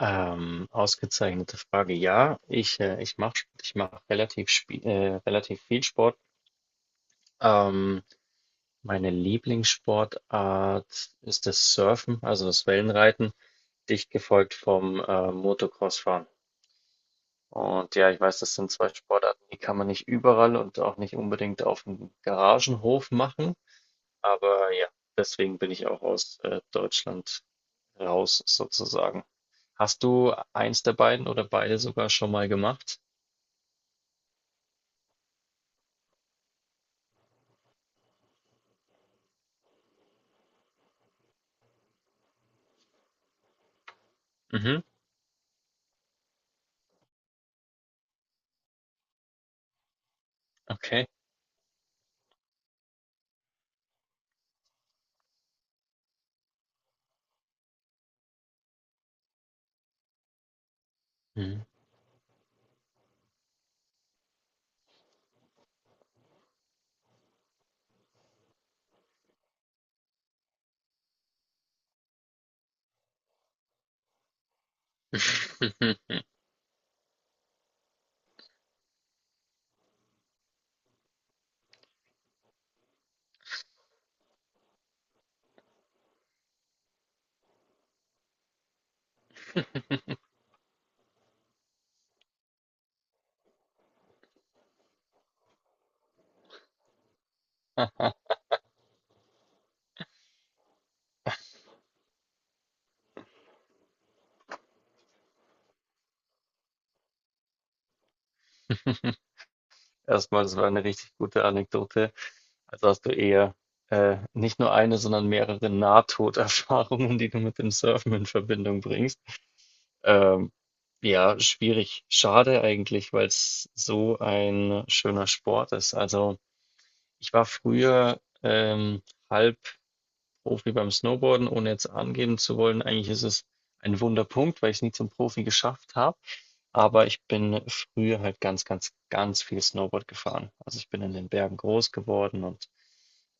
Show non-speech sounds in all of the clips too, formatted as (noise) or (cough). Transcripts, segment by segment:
Ausgezeichnete Frage. Ja, ich, ich mache ich mach relativ, relativ viel Sport. Ähm, Meine Lieblingssportart ist das Surfen, also das Wellenreiten, dicht gefolgt vom Motocrossfahren. Und ja, ich weiß, das sind zwei Sportarten, die kann man nicht überall und auch nicht unbedingt auf dem Garagenhof machen. Aber ja, deswegen bin ich auch aus Deutschland raus sozusagen. Hast du eins der beiden oder beide sogar schon mal gemacht? Mhm, okay. Mhm. (laughs) Erstmal, das war eine richtig gute Anekdote. Also hast du eher nicht nur eine, sondern mehrere Nahtoderfahrungen, die du mit dem Surfen in Verbindung bringst. Ähm, ja, schwierig. Schade eigentlich, weil es so ein schöner Sport ist. Also ich war früher halb Profi beim Snowboarden, ohne jetzt angeben zu wollen. Eigentlich ist es ein Wunderpunkt, weil ich es nie zum Profi geschafft habe. Aber ich bin früher halt ganz, ganz, ganz viel Snowboard gefahren. Also ich bin in den Bergen groß geworden und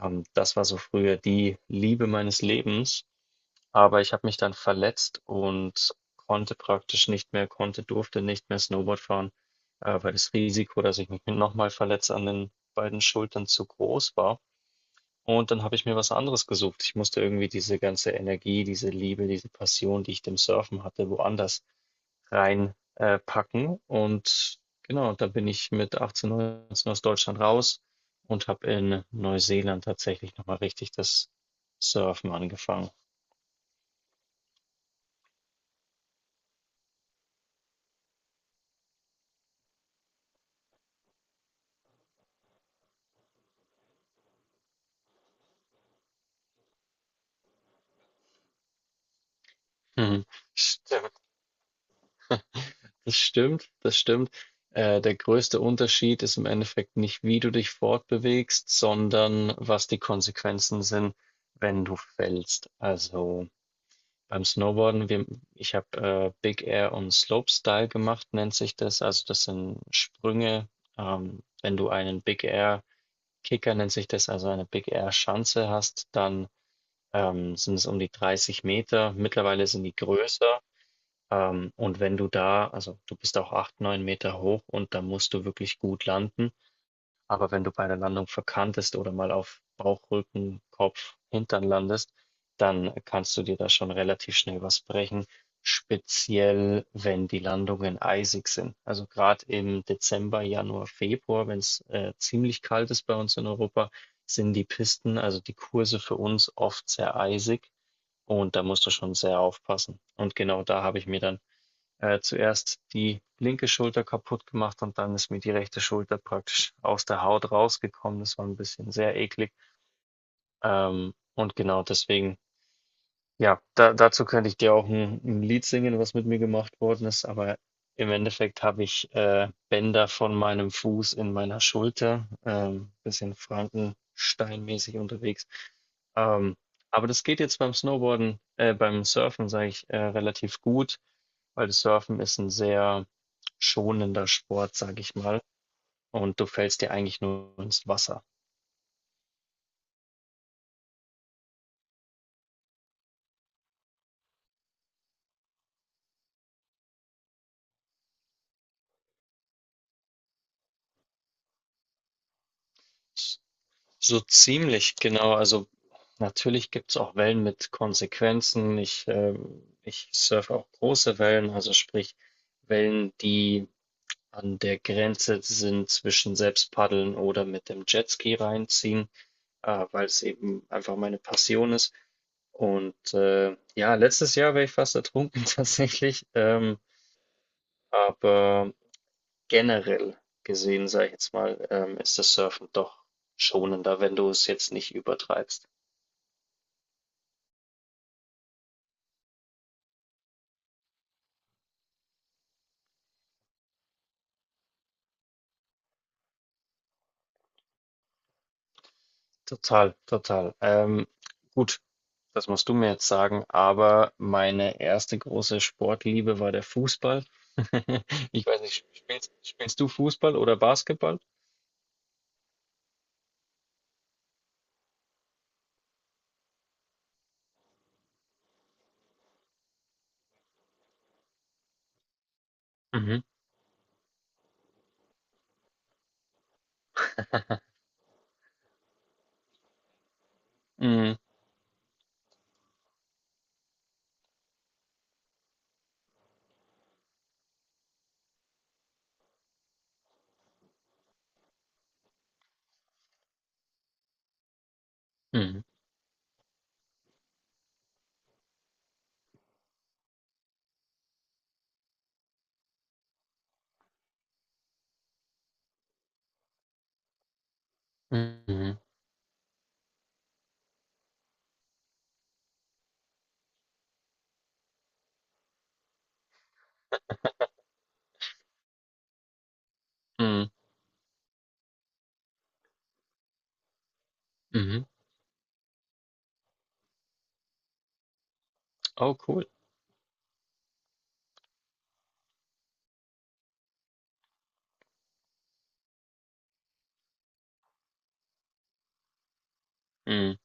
das war so früher die Liebe meines Lebens. Aber ich habe mich dann verletzt und konnte praktisch nicht mehr, durfte nicht mehr Snowboard fahren, weil das Risiko, dass ich mich nochmal verletze an den beiden Schultern zu groß war. Und dann habe ich mir was anderes gesucht. Ich musste irgendwie diese ganze Energie, diese Liebe, diese Passion, die ich dem Surfen hatte, woanders reinpacken. Packen. Und genau, dann bin ich mit 18, 19 aus Deutschland raus und habe in Neuseeland tatsächlich nochmal richtig das Surfen angefangen. Mhm. Stimmt. Das stimmt, das stimmt. Der größte Unterschied ist im Endeffekt nicht, wie du dich fortbewegst, sondern was die Konsequenzen sind, wenn du fällst. Also beim Snowboarden, ich habe Big Air und Slopestyle gemacht, nennt sich das. Also das sind Sprünge. Wenn du einen Big Air Kicker, nennt sich das, also eine Big Air Schanze hast, dann sind es um die 30 Meter. Mittlerweile sind die größer. Und wenn du da, also du bist auch 8, 9 Meter hoch und da musst du wirklich gut landen. Aber wenn du bei der Landung verkantest oder mal auf Bauch, Rücken, Kopf, Hintern landest, dann kannst du dir da schon relativ schnell was brechen. Speziell, wenn die Landungen eisig sind. Also gerade im Dezember, Januar, Februar, wenn es ziemlich kalt ist bei uns in Europa, sind die Pisten, also die Kurse für uns oft sehr eisig und da musst du schon sehr aufpassen. Und genau da habe ich mir dann zuerst die linke Schulter kaputt gemacht und dann ist mir die rechte Schulter praktisch aus der Haut rausgekommen. Das war ein bisschen sehr eklig. Und genau deswegen, ja, dazu könnte ich dir auch ein Lied singen, was mit mir gemacht worden ist, aber im Endeffekt habe ich Bänder von meinem Fuß in meiner Schulter, bisschen Frankensteinmäßig unterwegs. Ähm, aber das geht jetzt beim beim Surfen, sage ich, relativ gut, weil das Surfen ist ein sehr schonender Sport, sage ich mal, und du fällst dir eigentlich nur ins Wasser. So ziemlich genau. Also natürlich gibt es auch Wellen mit Konsequenzen. Ich, ich surfe auch große Wellen, also sprich Wellen, die an der Grenze sind zwischen selbst paddeln oder mit dem Jetski reinziehen, weil es eben einfach meine Passion ist. Und ja, letztes Jahr wäre ich fast ertrunken (laughs) tatsächlich. Aber generell gesehen, sage ich jetzt mal, ist das Surfen doch schonender, wenn du es jetzt nicht übertreibst. Total, total. Gut, das musst du mir jetzt sagen, aber meine erste große Sportliebe war der Fußball. (laughs) Ich weiß nicht, spielst du Fußball oder Basketball? Mhm. Mhm. Mhm. Mhm. Mhm. Mhm. Oh, cool. Mhm.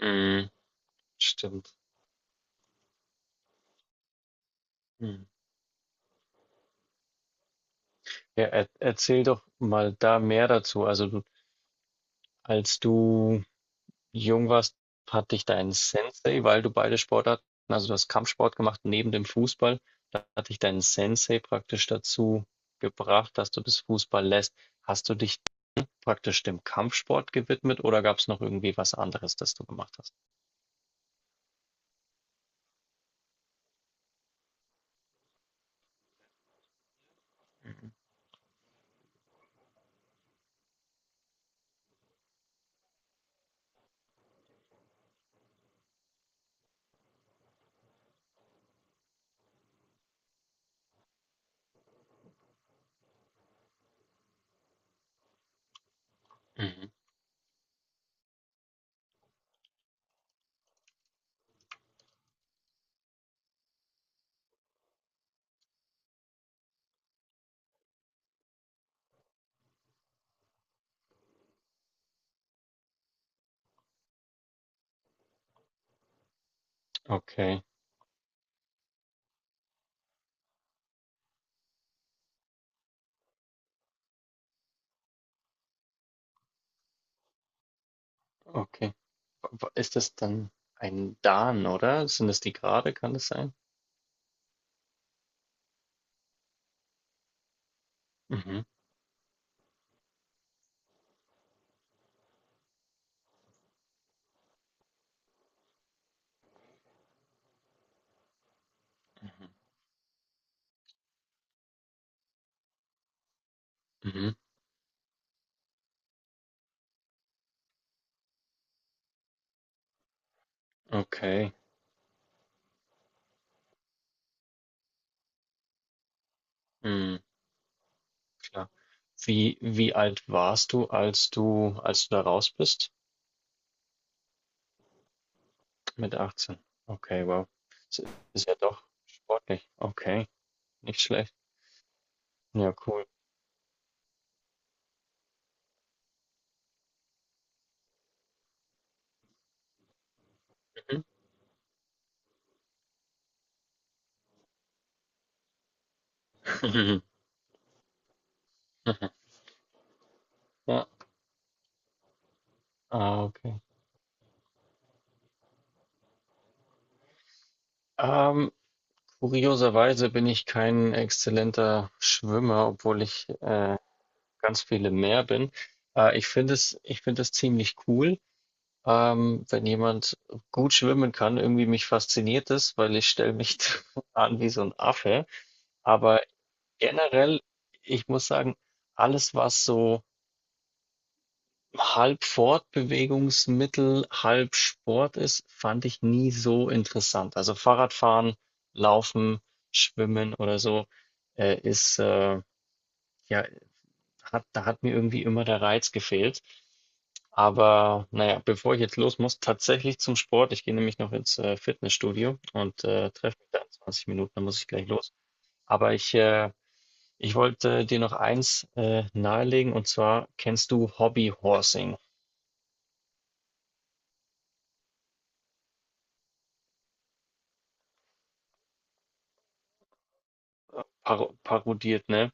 Mhm. Stimmt. Mhm. Ja, erzähl doch mal da mehr dazu. Als du jung warst, hat dich dein Sensei, weil du beide Sportarten, also du hast Kampfsport gemacht neben dem Fußball, da hat dich dein Sensei praktisch dazu gebracht, dass du das Fußball lässt. Hast du dich praktisch dem Kampfsport gewidmet oder gab es noch irgendwie was anderes, das du gemacht hast? Mhm. Mhm. Okay, okay. Ist das dann ein Dan, oder? Sind das die Grade? Kann das sein? Mhm. Mhm. Mhm. Okay. Mhm. Ja. Wie wie alt warst du, als du als du da raus bist? Mit 18. Okay, wow. Ist ist ja doch sportlich. Okay, nicht schlecht. Ja, cool. Mhm. (laughs) Ja, ah, okay. Ähm, Kurioserweise bin ich kein exzellenter Schwimmer, obwohl ich ganz viele mehr bin. Ich finde es ziemlich cool, wenn jemand gut schwimmen kann. Irgendwie mich fasziniert es, weil ich stelle mich (laughs) an wie so ein Affe. Aber generell, ich muss sagen, alles, was so halb Fortbewegungsmittel, halb Sport ist, fand ich nie so interessant. Also Fahrradfahren, Laufen, Schwimmen oder so, äh, ist, äh, ja, da hat mir irgendwie immer der Reiz gefehlt. Aber naja, bevor ich jetzt los muss, tatsächlich zum Sport. Ich gehe nämlich noch ins Fitnessstudio und treffe mich da in 20 Minuten, dann muss ich gleich los. Aber ich wollte dir noch eins nahelegen und zwar kennst du Hobbyhorsing, parodiert, ne?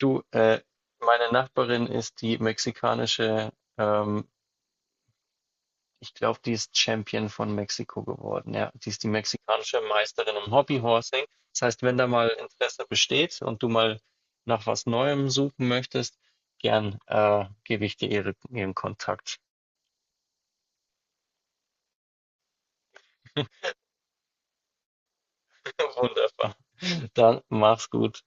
Du, meine Nachbarin ist die mexikanische, ähm, ich glaube, die ist Champion von Mexiko geworden, ja. Die ist die mexikanische Meisterin im Hobbyhorsing. Das heißt, wenn da mal Interesse besteht und du mal nach was Neuem suchen möchtest, gern gebe ich dir ihren Kontakt. (laughs) Wunderbar. Dann mach's gut.